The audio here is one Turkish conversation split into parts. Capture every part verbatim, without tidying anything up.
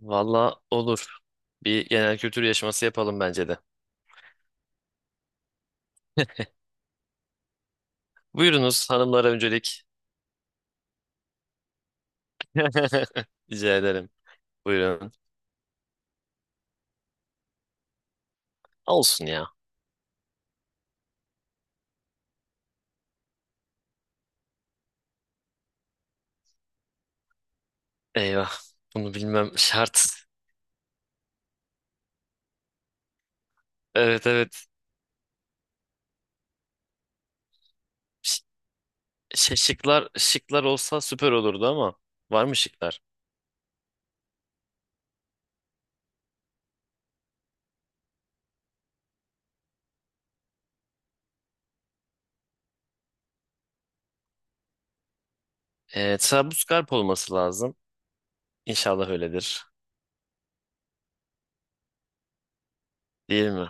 Valla olur. Bir genel kültür yarışması yapalım bence de. Buyurunuz hanımlara öncelik. Rica ederim. Buyurun. Olsun ya. Eyvah. Bunu bilmem şart. Evet evet. Ş- şey, şıklar, şıklar olsa süper olurdu ama var mı şıklar? Ee, Trablusgarp olması lazım. İnşallah öyledir. Değil mi?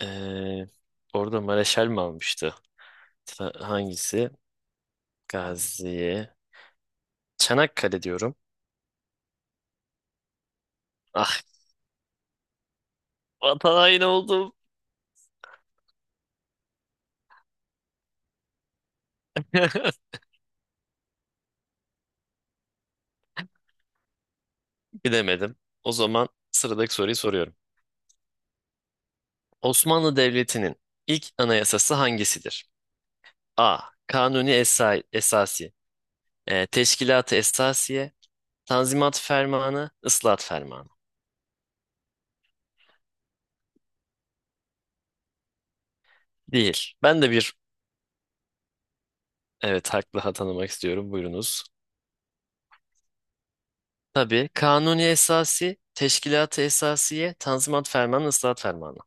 Ee, orada Mareşal mi almıştı? Tra- hangisi? Gazi'ye. Çanakkale diyorum. Ah vatan haini oldum. Bilemedim. O zaman sıradaki soruyu soruyorum. Osmanlı Devleti'nin ilk anayasası hangisidir? A. Kanuni Esa- Esasi, e, Teşkilat-ı Esasiye, Tanzimat Fermanı, Islahat Fermanı. Değil. Ben de bir evet haklı tanımak istiyorum. Buyurunuz. Tabii Kanuni Esasi, Teşkilat-ı Esasiye, Tanzimat Fermanı, Islahat Fermanı.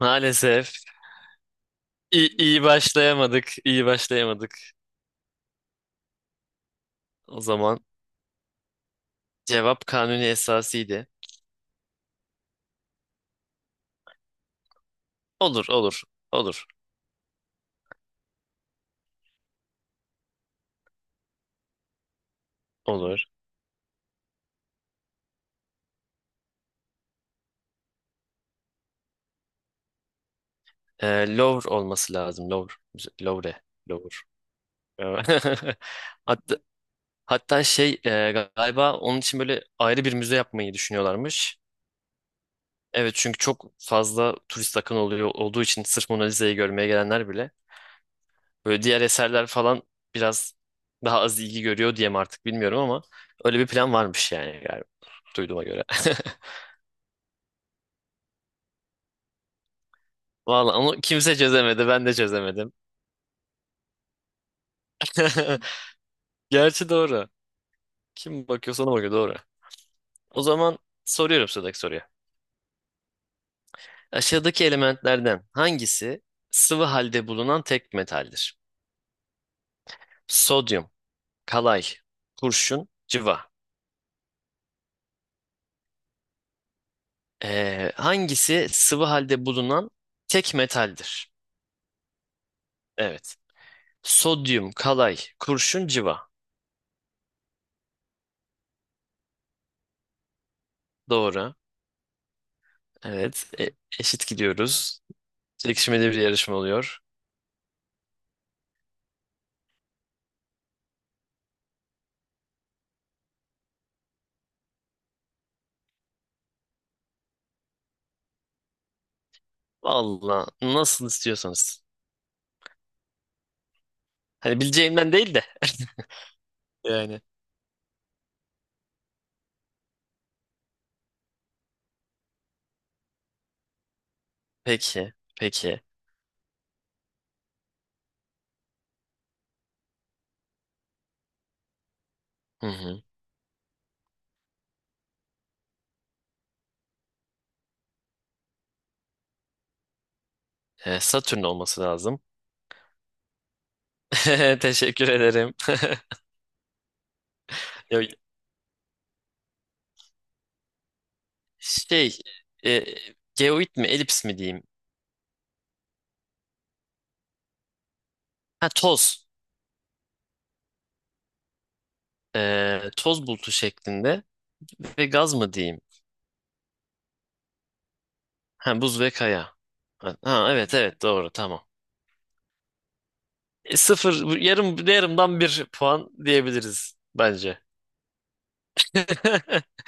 Maalesef iyi, iyi başlayamadık, iyi başlayamadık. O zaman cevap Kanuni Esasi'ydi. Olur, olur, olur. Olur. Ee, Louvre olması lazım. Louvre. Müze- Louvre. Louvre. Hatta, hatta şey e, galiba onun için böyle ayrı bir müze yapmayı düşünüyorlarmış. Evet, çünkü çok fazla turist akın oluyor olduğu için sırf Mona Lisa'yı görmeye gelenler bile böyle diğer eserler falan biraz daha az ilgi görüyor diye mi artık bilmiyorum ama öyle bir plan varmış yani galiba duyduğuma göre. Vallahi onu kimse çözemedi, ben de çözemedim. Gerçi doğru. Kim bakıyorsa ona bakıyor, doğru. O zaman soruyorum sıradaki soruyu. Aşağıdaki elementlerden hangisi sıvı halde bulunan tek metaldir? Sodyum, kalay, kurşun, cıva. Ee, hangisi sıvı halde bulunan tek metaldir? Evet. Sodyum, kalay, kurşun, cıva. Doğru. Evet. E- eşit gidiyoruz. Çekişmeli bir yarışma oluyor. Valla nasıl istiyorsanız. Hani bileceğimden değil de. Yani. Peki. Peki. Hı hı. Ee, Satürn olması lazım. Teşekkür ederim. Ya, Şey, e, geoid mi, elips mi diyeyim? Ha, toz. E, toz bulutu şeklinde ve gaz mı diyeyim? Ha, buz ve kaya. Ha, ha, evet evet, doğru, tamam. E, sıfır bu yarım yarımdan bir puan diyebiliriz bence.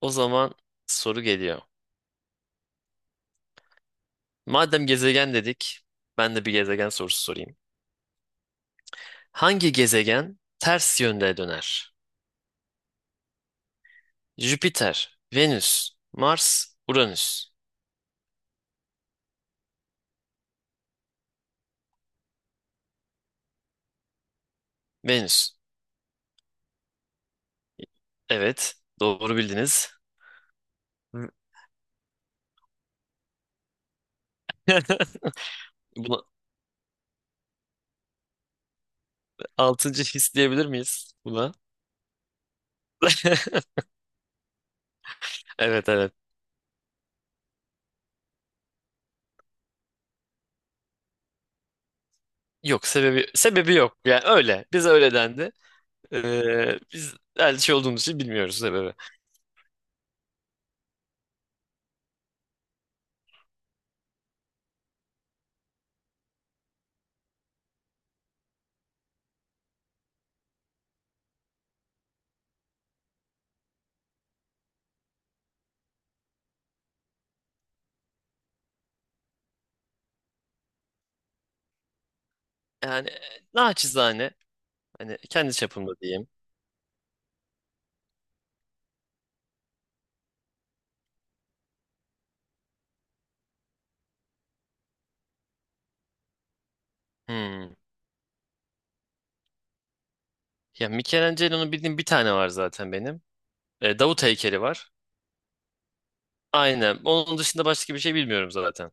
O zaman soru geliyor. Madem gezegen dedik, ben de bir gezegen sorusu sorayım. Hangi gezegen ters yönde döner? Jüpiter, Venüs, Mars, Uranüs. Venüs. Evet. Doğru bildiniz. Hı. Buna altıncı his diyebilir miyiz buna? Evet evet. Yok sebebi sebebi yok. Yani öyle. Biz öyle dendi. Ee, biz elçi olduğumuz için bilmiyoruz sebebi. Yani e, naçizane hani kendi çapımda diyeyim. Hmm. Ya Michelangelo'nun bildiğim bir tane var zaten benim. Ee, Davut heykeli var. Aynen. Onun dışında başka bir şey bilmiyorum zaten.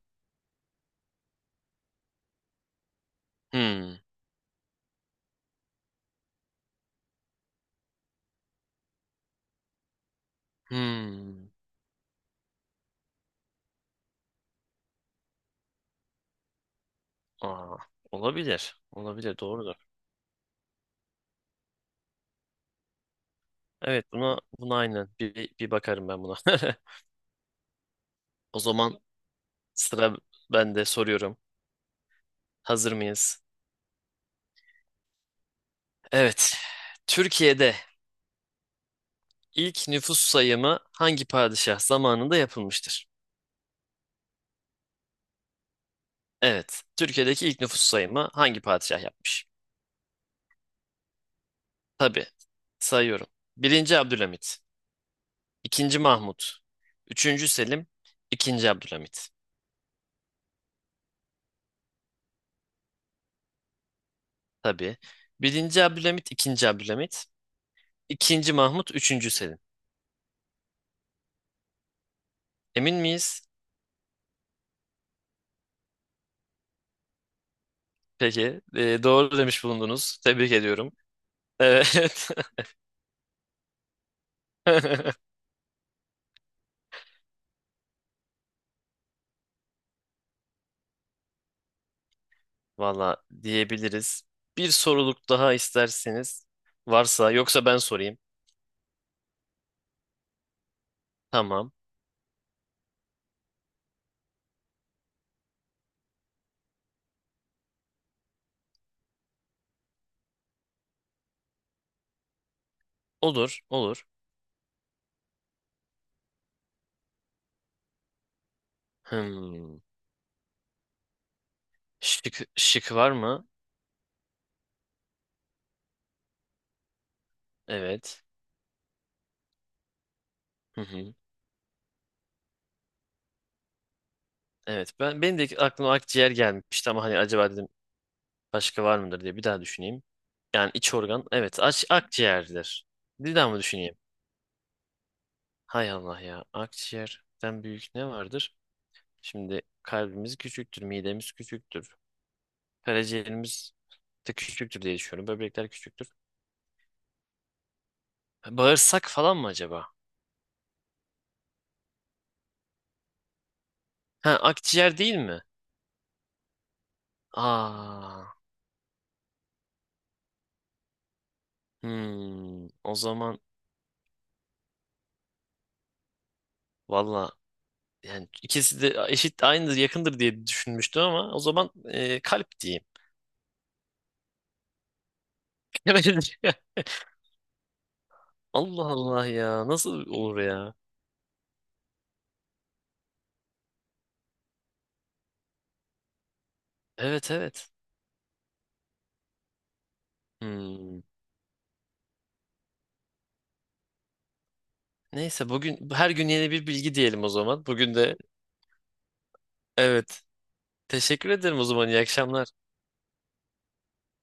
Hmm. Hmm. Aa, olabilir. Olabilir. Doğru. Evet, buna buna aynen bir, bir bakarım ben buna. O zaman sıra ben de soruyorum. Hazır mıyız? Evet. Türkiye'de ilk nüfus sayımı hangi padişah zamanında yapılmıştır? Evet. Türkiye'deki ilk nüfus sayımı hangi padişah yapmış? Tabii. Sayıyorum. Birinci Abdülhamit. İkinci Mahmut. Üçüncü Selim. İkinci Abdülhamit. Tabii. Birinci Abdülhamit, ikinci Abdülhamit. İkinci Mahmut, üçüncü Selim. Emin miyiz? Peki. E, doğru demiş bulundunuz. Tebrik ediyorum. Evet. Valla diyebiliriz. Bir soruluk daha isterseniz varsa yoksa ben sorayım. Tamam. Olur, olur. Hmm. Şık, şık var mı? Evet. Hı hı. Evet. Ben benim de aklıma akciğer gelmişti ama hani acaba dedim başka var mıdır diye bir daha düşüneyim. Yani iç organ. Evet, aç, akciğerdir. Bir daha mı düşüneyim? Hay Allah ya. Akciğerden büyük ne vardır? Şimdi kalbimiz küçüktür, midemiz küçüktür. Karaciğerimiz de küçüktür diye düşünüyorum. Böbrekler küçüktür. Bağırsak falan mı acaba? Ha, akciğer değil mi? Aa. Hmm, o zaman valla yani ikisi de eşit aynıdır yakındır diye düşünmüştüm ama o zaman e, kalp diyeyim. Allah Allah ya, nasıl olur ya? Evet evet. Hmm. Neyse, bugün her gün yeni bir bilgi diyelim o zaman. Bugün de evet. Teşekkür ederim o zaman. İyi akşamlar.